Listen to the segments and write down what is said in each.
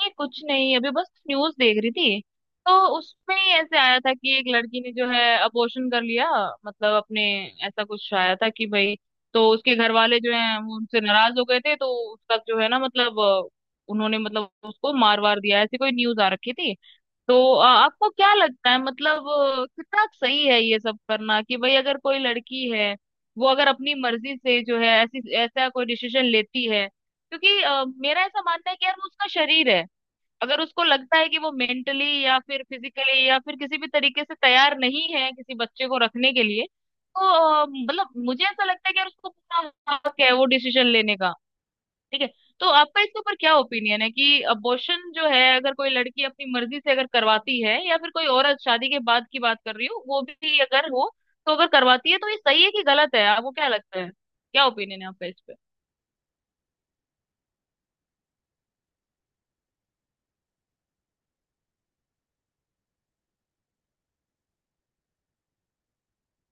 नहीं कुछ नहीं, अभी बस न्यूज देख रही थी। तो उसमें ही ऐसे आया था कि एक लड़की ने जो है अबॉर्शन कर लिया। मतलब अपने ऐसा कुछ आया था कि भाई तो उसके घर वाले जो है वो उनसे नाराज हो गए थे। तो उसका जो है ना मतलब उन्होंने मतलब उसको मार वार दिया, ऐसी कोई न्यूज आ रखी थी। तो आपको क्या लगता है, मतलब कितना सही है ये सब करना कि भाई अगर कोई लड़की है, वो अगर अपनी मर्जी से जो है ऐसी ऐसा कोई डिसीजन लेती है, क्योंकि मेरा ऐसा मानना है कि यार वो उसका शरीर है। अगर उसको लगता है कि वो मेंटली या फिर फिजिकली या फिर किसी भी तरीके से तैयार नहीं है किसी बच्चे को रखने के लिए, तो मतलब मुझे ऐसा लगता है कि यार उसको पूरा हक है वो डिसीजन लेने का। ठीक है। तो आपका इसके ऊपर क्या ओपिनियन है कि अबॉर्शन जो है, अगर कोई लड़की अपनी मर्जी से अगर करवाती है, या फिर कोई औरत, शादी के बाद की बात कर रही हूँ, वो भी अगर हो तो अगर करवाती है, तो ये सही है कि गलत है, आपको क्या लगता है, क्या ओपिनियन है आपका इस पे।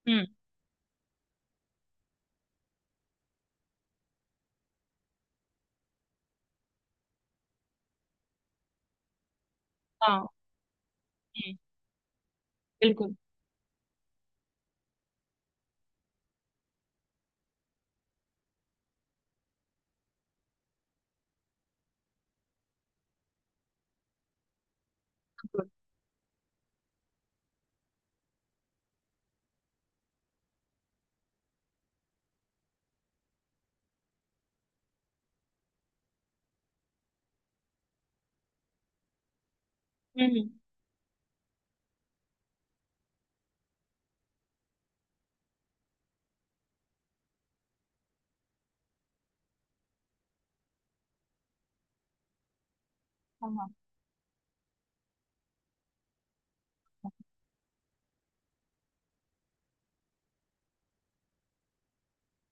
हम्म। हाँ। हम्म। बिल्कुल। बिल्कुल। हम्म। हम्म। हाँ, हाँ।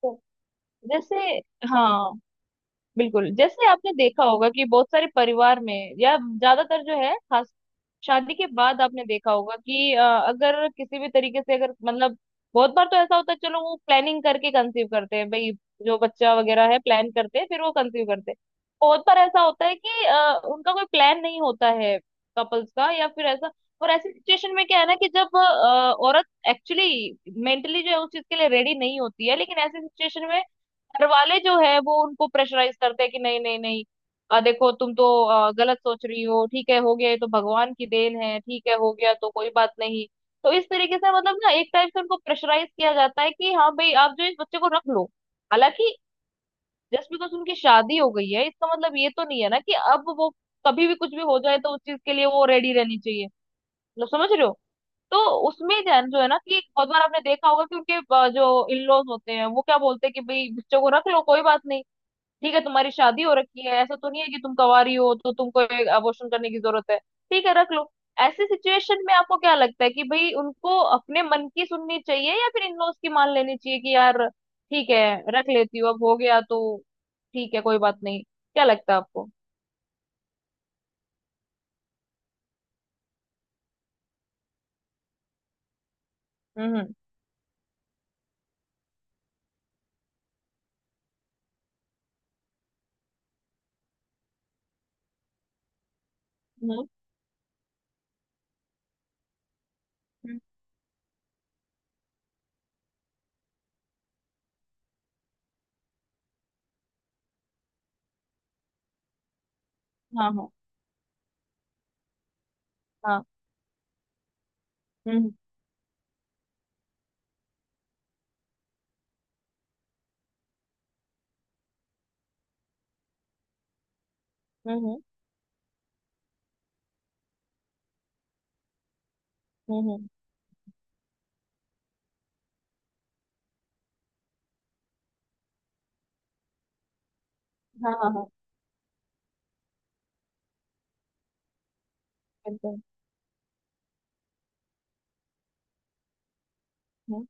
तो जैसे, हाँ बिल्कुल। जैसे आपने देखा होगा कि बहुत सारे परिवार में, या ज्यादातर जो है खास शादी के बाद आपने देखा होगा कि अगर किसी भी तरीके से अगर मतलब बहुत बार तो ऐसा होता है, चलो वो प्लानिंग करके कंसीव करते हैं भाई, जो बच्चा वगैरह है प्लान करते हैं फिर वो कंसीव करते हैं। बहुत बार ऐसा होता है कि उनका कोई प्लान नहीं होता है कपल्स का, या फिर ऐसा। और ऐसी सिचुएशन में क्या है ना कि जब औरत एक्चुअली मेंटली जो है उस चीज के लिए रेडी नहीं होती है, लेकिन ऐसी सिचुएशन में घर वाले जो है वो उनको प्रेशराइज करते हैं कि नहीं नहीं नहीं, देखो तुम तो गलत सोच रही हो, ठीक है हो गया, ये तो भगवान की देन है, ठीक है हो गया तो कोई बात नहीं। तो इस तरीके से मतलब ना एक टाइप से उनको प्रेशराइज किया जाता है कि हाँ भाई आप जो इस बच्चे को रख लो, हालांकि जस्ट बिकॉज उनकी शादी हो गई है इसका मतलब ये तो नहीं है ना कि अब वो कभी भी कुछ भी हो जाए तो उस चीज के लिए वो रेडी रहनी चाहिए, मतलब समझ रहे हो। तो उसमें जो है ना कि बहुत बार आपने देखा होगा कि उनके जो इन लॉज होते हैं वो क्या बोलते हैं कि भाई बच्चों को रख लो कोई बात नहीं, ठीक है तुम्हारी शादी हो रखी है, ऐसा तो नहीं है कि तुम कवारी हो तो तुमको एक अबॉर्शन करने की जरूरत है, ठीक है रख लो। ऐसी सिचुएशन में आपको क्या लगता है कि भाई उनको अपने मन की सुननी चाहिए या फिर इन लोग की मान लेनी चाहिए कि यार ठीक है रख लेती हूँ, अब हो गया तो ठीक है कोई बात नहीं, क्या लगता है आपको। हम्म। हम्म। हम्म, हम्म, हाँ, हाँ, हाँ। हम्म। हम्म। हम्म। हम्म, हम्म, हाँ, हाँ, हाँ। बिल्कुल। हम्म,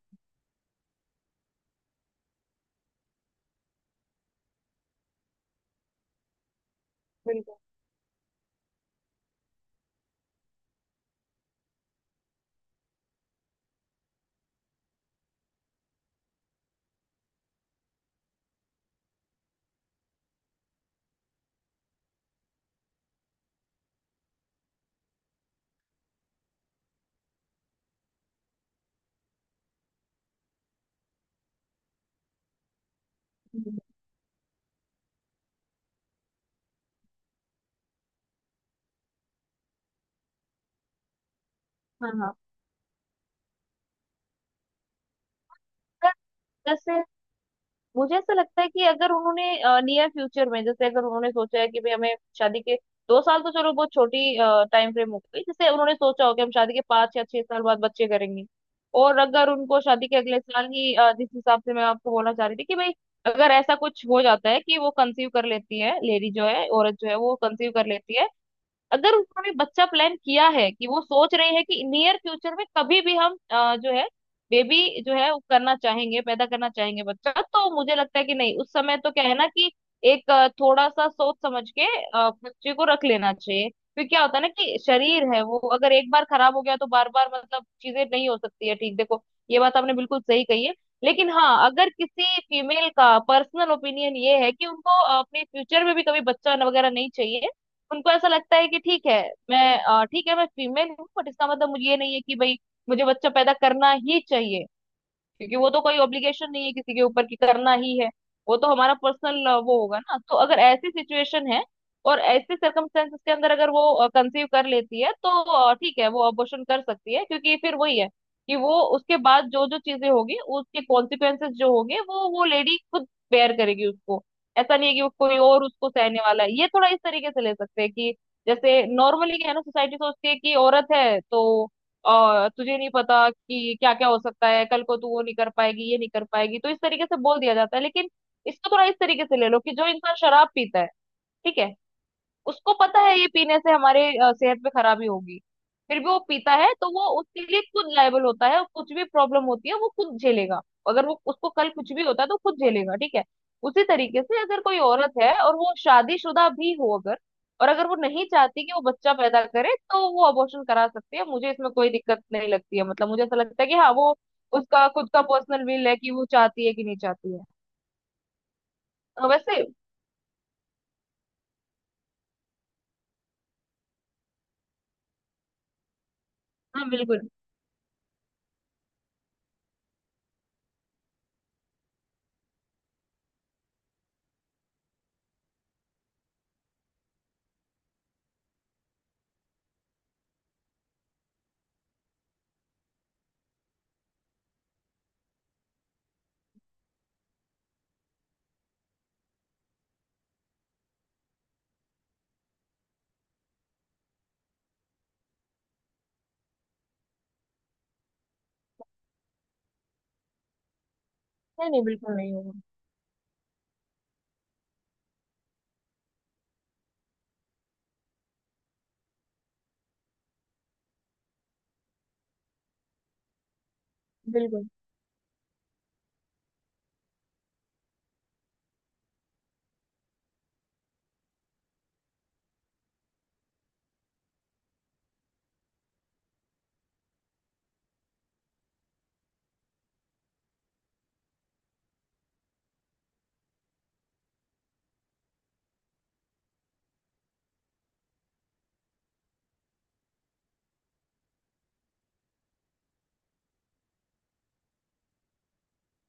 बिल्कुल। हम्म, हाँ, हाँ। जैसे मुझे ऐसा लगता है कि अगर उन्होंने नियर फ्यूचर में, जैसे अगर उन्होंने सोचा है कि भाई हमें शादी के 2 साल, तो चलो बहुत छोटी टाइम फ्रेम हो गई, जैसे उन्होंने सोचा हो कि हम शादी के 5 या 6 साल बाद बच्चे करेंगे। और अगर उनको शादी के अगले साल ही जिस हिसाब से मैं आपको बोलना चाह रही थी कि भाई अगर ऐसा कुछ हो जाता है कि वो कंसीव कर लेती है, लेडी जो है औरत जो है वो कंसीव कर लेती है। अगर उन्होंने बच्चा प्लान किया है कि वो सोच रही है कि नियर फ्यूचर में कभी भी हम जो है बेबी जो है वो करना चाहेंगे, पैदा करना चाहेंगे बच्चा, तो मुझे लगता है कि नहीं उस समय तो क्या है ना कि एक थोड़ा सा सोच समझ के बच्चे को रख लेना चाहिए। फिर क्या होता है ना कि शरीर है वो अगर एक बार खराब हो गया तो बार बार मतलब चीजें नहीं हो सकती है, ठीक देखो। ये बात आपने बिल्कुल सही कही है। लेकिन हाँ, अगर किसी फीमेल का पर्सनल ओपिनियन ये है कि उनको अपने फ्यूचर में भी कभी बच्चा वगैरह नहीं चाहिए, उनको ऐसा लगता है कि ठीक है, मैं ठीक है मैं फीमेल हूँ बट इसका मतलब मुझे ये नहीं है कि भाई मुझे बच्चा पैदा करना ही चाहिए, क्योंकि वो तो कोई ऑब्लिगेशन नहीं है किसी के ऊपर कि करना ही है, वो तो हमारा पर्सनल वो होगा ना। तो अगर ऐसी सिचुएशन है और ऐसे सर्कमस्टेंसेस के अंदर अगर वो कंसीव कर लेती है, तो ठीक है वो अबॉर्शन कर सकती है, क्योंकि फिर वही है कि वो उसके बाद जो जो चीजें होगी उसके कॉन्सिक्वेंसेस जो होंगे, वो लेडी खुद बेयर करेगी उसको। ऐसा नहीं है कि वो कोई और उसको सहने वाला है, ये थोड़ा इस तरीके से ले सकते हैं कि जैसे नॉर्मली क्या है ना, सोसाइटी सोचती है कि औरत है तो, और तुझे नहीं पता कि क्या क्या हो सकता है, कल को तू वो नहीं कर पाएगी ये नहीं कर पाएगी, तो इस तरीके से बोल दिया जाता है। लेकिन इसको थोड़ा इस तरीके से ले लो कि जो इंसान शराब पीता है, ठीक है, उसको पता है ये पीने से हमारे सेहत पे खराबी होगी, फिर भी वो पीता है, तो वो उसके लिए खुद लायबल होता है और कुछ भी प्रॉब्लम होती है वो खुद झेलेगा। अगर वो उसको कल कुछ भी होता है तो खुद झेलेगा, ठीक है। उसी तरीके से अगर कोई औरत है और वो शादीशुदा भी हो अगर, और अगर वो नहीं चाहती कि वो बच्चा पैदा करे, तो वो अबॉर्शन करा सकती है, मुझे इसमें कोई दिक्कत नहीं लगती है, मतलब मुझे ऐसा लगता है कि हाँ वो उसका खुद का पर्सनल विल है कि वो चाहती है कि नहीं चाहती है। हाँ, वैसे। हाँ बिल्कुल। नहीं नहीं, बिल्कुल नहीं होगा। बिल्कुल।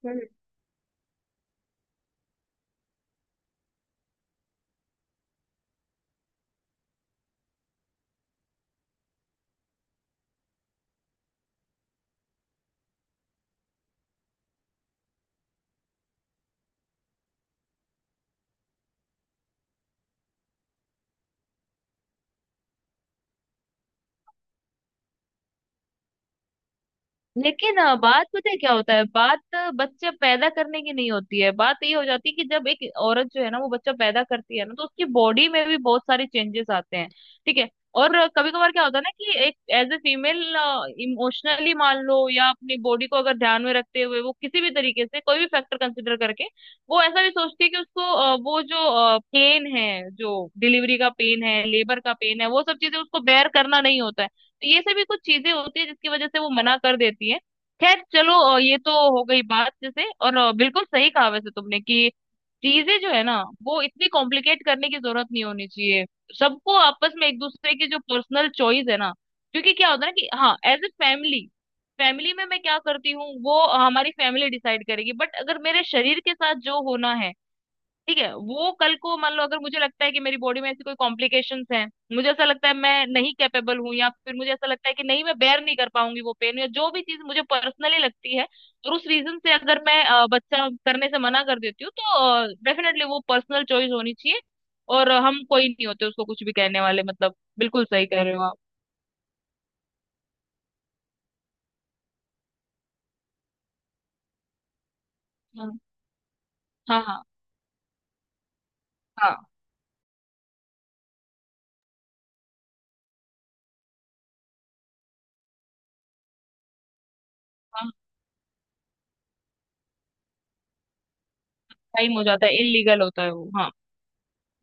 हम्म। लेकिन बात पता है क्या होता है, बात बच्चे पैदा करने की नहीं होती है, बात ये हो जाती है कि जब एक औरत जो है ना वो बच्चा पैदा करती है ना, तो उसकी बॉडी में भी बहुत सारे चेंजेस आते हैं, ठीक है। और कभी कभार क्या होता है ना कि एक एज ए फीमेल इमोशनली मान लो, या अपनी बॉडी को अगर ध्यान में रखते हुए वो किसी भी तरीके से कोई भी फैक्टर कंसिडर करके वो ऐसा भी सोचती है कि उसको वो जो पेन है, जो डिलीवरी का पेन है, लेबर का पेन है, वो सब चीजें उसको बेयर करना नहीं होता है, तो ये सभी कुछ चीजें होती है जिसकी वजह से वो मना कर देती है। खैर चलो, ये तो हो गई बात, जैसे और बिल्कुल सही कहा वैसे तुमने कि चीजें जो है ना वो इतनी कॉम्प्लिकेट करने की जरूरत नहीं होनी चाहिए, सबको आपस में एक दूसरे की जो पर्सनल चॉइस है ना। क्योंकि क्या होता है ना कि हाँ एज ए फैमिली, फैमिली में मैं क्या करती हूँ वो हमारी फैमिली डिसाइड करेगी, बट अगर मेरे शरीर के साथ जो होना है, ठीक है वो कल को मान लो अगर मुझे लगता है कि मेरी बॉडी में ऐसी कोई कॉम्प्लिकेशंस हैं, मुझे ऐसा लगता है मैं नहीं कैपेबल हूँ, या फिर मुझे ऐसा लगता है कि नहीं मैं बेयर नहीं कर पाऊंगी वो पेन या जो भी चीज मुझे पर्सनली लगती है, और उस रीजन से अगर मैं बच्चा करने से मना कर देती हूँ, तो डेफिनेटली वो पर्सनल चॉइस होनी चाहिए। और हम कोई नहीं होते उसको कुछ भी कहने वाले, मतलब बिल्कुल सही कह रहे हो आप। हाँ, हाँ, हाँ, हाँ, हाँ। टाइम हो जाता है इलीगल होता है वो, हाँ।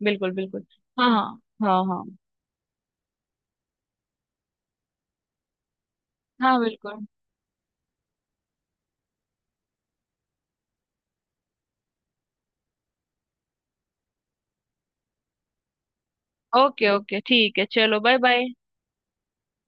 बिल्कुल, बिल्कुल। हाँ, हाँ, हाँ, हाँ, हाँ, बिल्कुल। ओके ओके, ठीक है चलो, बाय बाय।